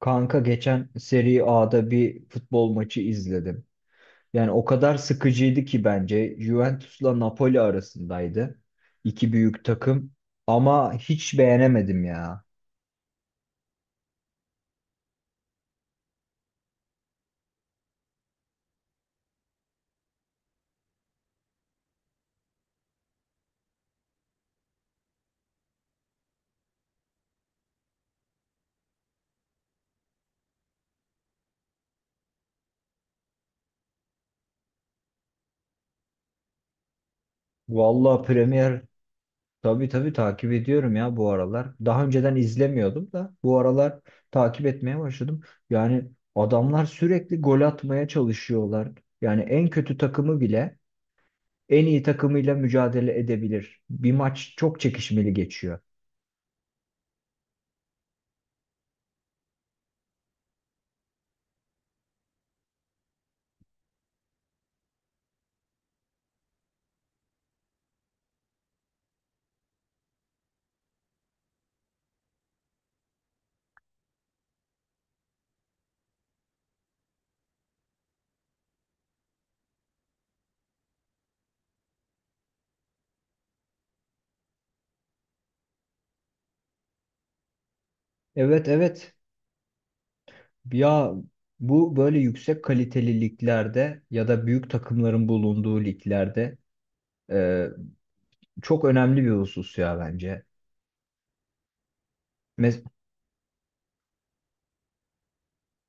Kanka geçen Serie A'da bir futbol maçı izledim. Yani o kadar sıkıcıydı ki bence. Juventus'la Napoli arasındaydı. İki büyük takım. Ama hiç beğenemedim ya. Vallahi Premier tabii takip ediyorum ya bu aralar. Daha önceden izlemiyordum da bu aralar takip etmeye başladım. Yani adamlar sürekli gol atmaya çalışıyorlar. Yani en kötü takımı bile en iyi takımıyla mücadele edebilir. Bir maç çok çekişmeli geçiyor. Evet, evet. Ya bu böyle yüksek kaliteli liglerde ya da büyük takımların bulunduğu liglerde e, çok önemli bir husus ya bence. Mes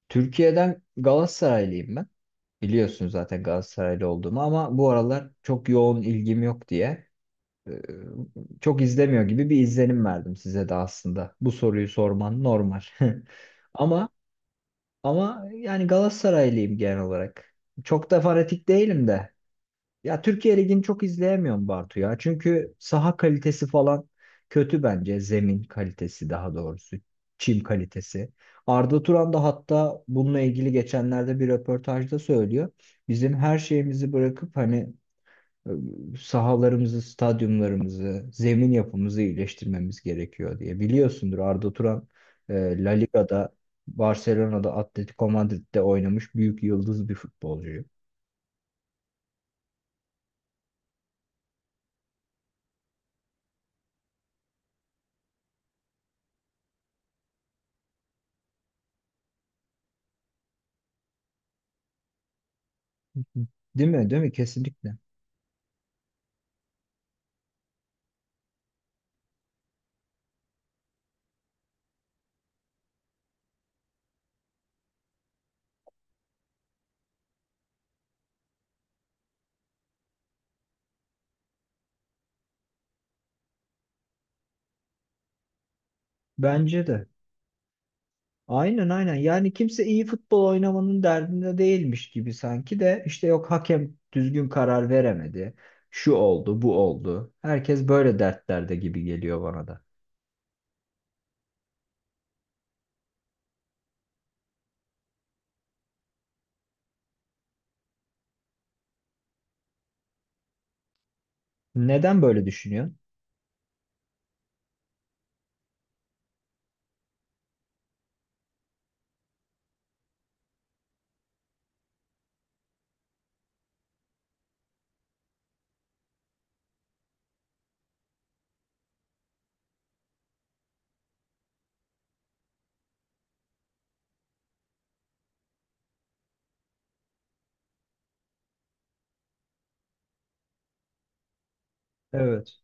Türkiye'den Galatasaraylıyım ben. Biliyorsun zaten Galatasaraylı olduğumu ama bu aralar çok yoğun ilgim yok diye e, çok izlemiyor gibi bir izlenim verdim size de aslında. Bu soruyu sorman normal. Ama ama yani Galatasaraylıyım genel olarak. Çok da fanatik değilim de. Ya Türkiye Ligi'ni çok izleyemiyorum Bartu ya. Çünkü saha kalitesi falan kötü bence. Zemin kalitesi daha doğrusu. Çim kalitesi. Arda Turan da hatta bununla ilgili geçenlerde bir röportajda söylüyor. Bizim her şeyimizi bırakıp hani e, sahalarımızı, stadyumlarımızı, zemin yapımızı iyileştirmemiz gerekiyor diye. Biliyorsundur Arda Turan La Liga'da, Barcelona'da, Atletico Madrid'de oynamış büyük yıldız bir futbolcu. Değil mi? Değil mi? Kesinlikle. Bence de. Aynen, aynen. Yani kimse iyi futbol oynamanın derdinde değilmiş gibi sanki de işte yok hakem düzgün karar veremedi. Şu oldu, bu oldu. Herkes böyle dertlerde gibi geliyor bana da. Neden böyle düşünüyorsun? Evet.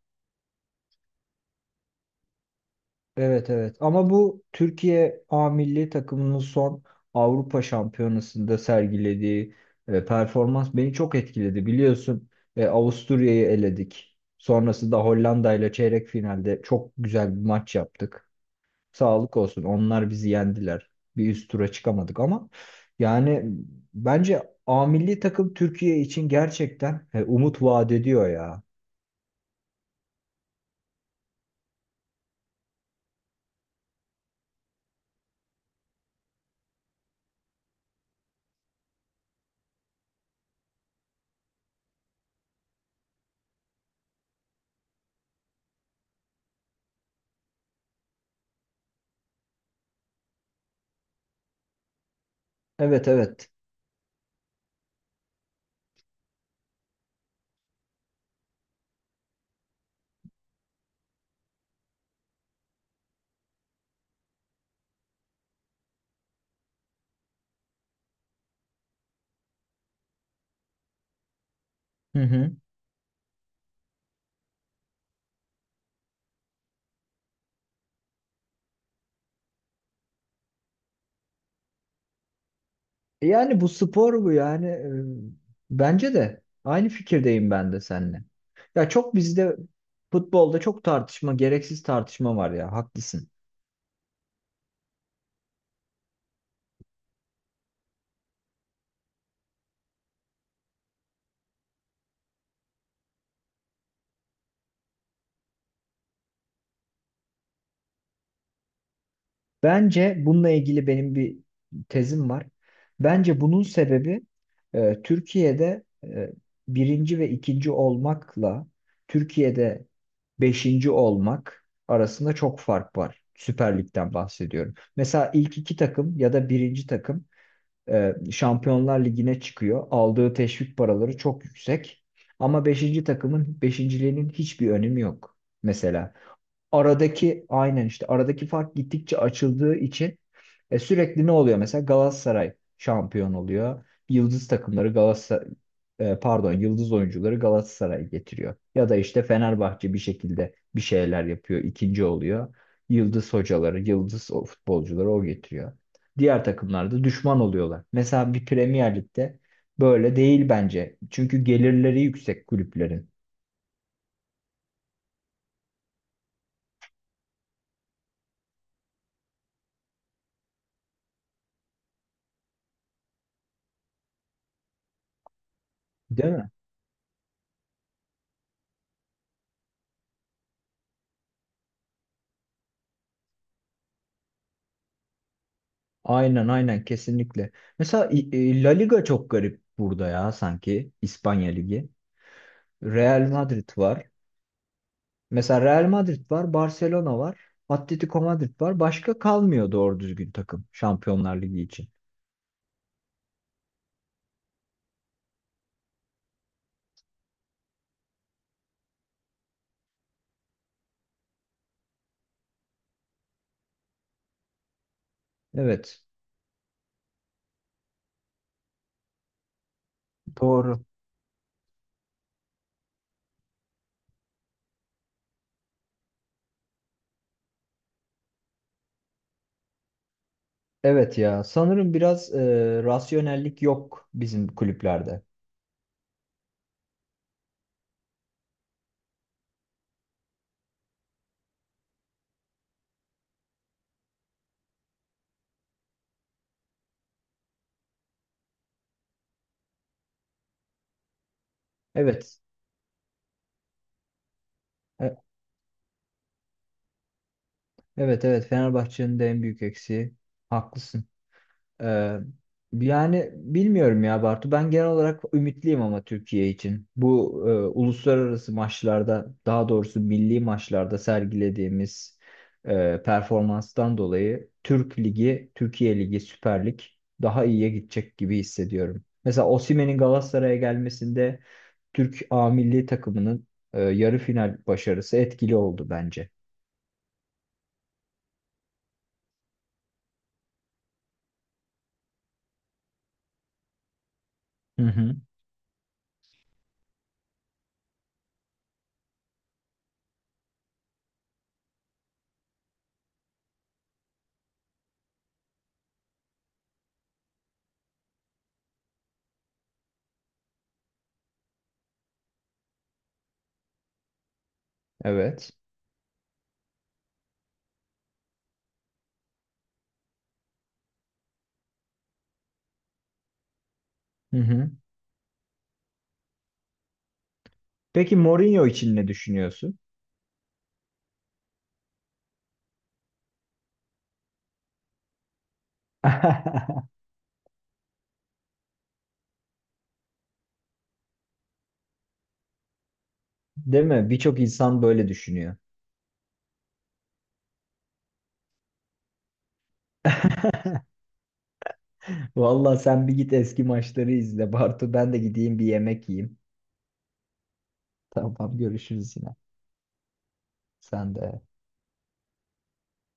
Evet, evet. Ama bu Türkiye A milli takımının son Avrupa Şampiyonası'nda sergilediği performans beni çok etkiledi. Biliyorsun Avusturya'yı eledik. Sonrasında Hollanda ile çeyrek finalde çok güzel bir maç yaptık. Sağlık olsun. Onlar bizi yendiler. Bir üst tura çıkamadık ama yani bence A milli takım Türkiye için gerçekten umut vaat ediyor ya. Evet, evet. Hı hı. Yani bu spor bu yani. Bence de aynı fikirdeyim ben de seninle. Ya çok bizde futbolda çok tartışma, gereksiz tartışma var ya. Haklısın. Bence bununla ilgili benim bir tezim var. Bence bunun sebebi Türkiye'de birinci ve ikinci olmakla Türkiye'de beşinci olmak arasında çok fark var. Süper Lig'den bahsediyorum. Mesela ilk iki takım ya da birinci takım Şampiyonlar Ligi'ne çıkıyor. Aldığı teşvik paraları çok yüksek. Ama beşinci takımın beşinciliğinin hiçbir önemi yok. Mesela aradaki aynen işte aradaki fark gittikçe açıldığı için sürekli ne oluyor? Mesela Galatasaray şampiyon oluyor. Yıldız takımları Galatasaray pardon yıldız oyuncuları Galatasaray getiriyor. Ya da işte Fenerbahçe bir şekilde bir şeyler yapıyor, ikinci oluyor. Yıldız hocaları, yıldız o futbolcuları o getiriyor. Diğer takımlar da düşman oluyorlar. Mesela bir Premier Lig'de böyle değil bence. Çünkü gelirleri yüksek kulüplerin. Değil mi? Aynen, aynen, kesinlikle. Mesela La Liga çok garip burada ya sanki İspanya Ligi. Real Madrid var. Mesela Real Madrid var, Barcelona var, Atletico Madrid var. Başka kalmıyor doğru düzgün takım Şampiyonlar Ligi için. Evet, doğru. Evet ya sanırım biraz rasyonellik yok bizim kulüplerde. Evet. E- evet, evet, Fenerbahçe'nin de en büyük eksiği. Haklısın. Ee, yani bilmiyorum ya Bartu. Ben genel olarak ümitliyim ama Türkiye için. Bu uluslararası maçlarda, daha doğrusu milli maçlarda sergilediğimiz performanstan dolayı Türk Ligi, Türkiye Ligi, Süper Lig daha iyiye gidecek gibi hissediyorum. Mesela Osimhen'in Galatasaray'a gelmesinde Türk A milli takımının yarı final başarısı etkili oldu bence. Hı hı. Evet. Hı hı. Peki Mourinho için ne düşünüyorsun? Değil mi? Birçok insan böyle düşünüyor. Vallahi sen bir git eski maçları izle Bartu. Ben de gideyim bir yemek yiyeyim. Tamam, görüşürüz yine. Sen de.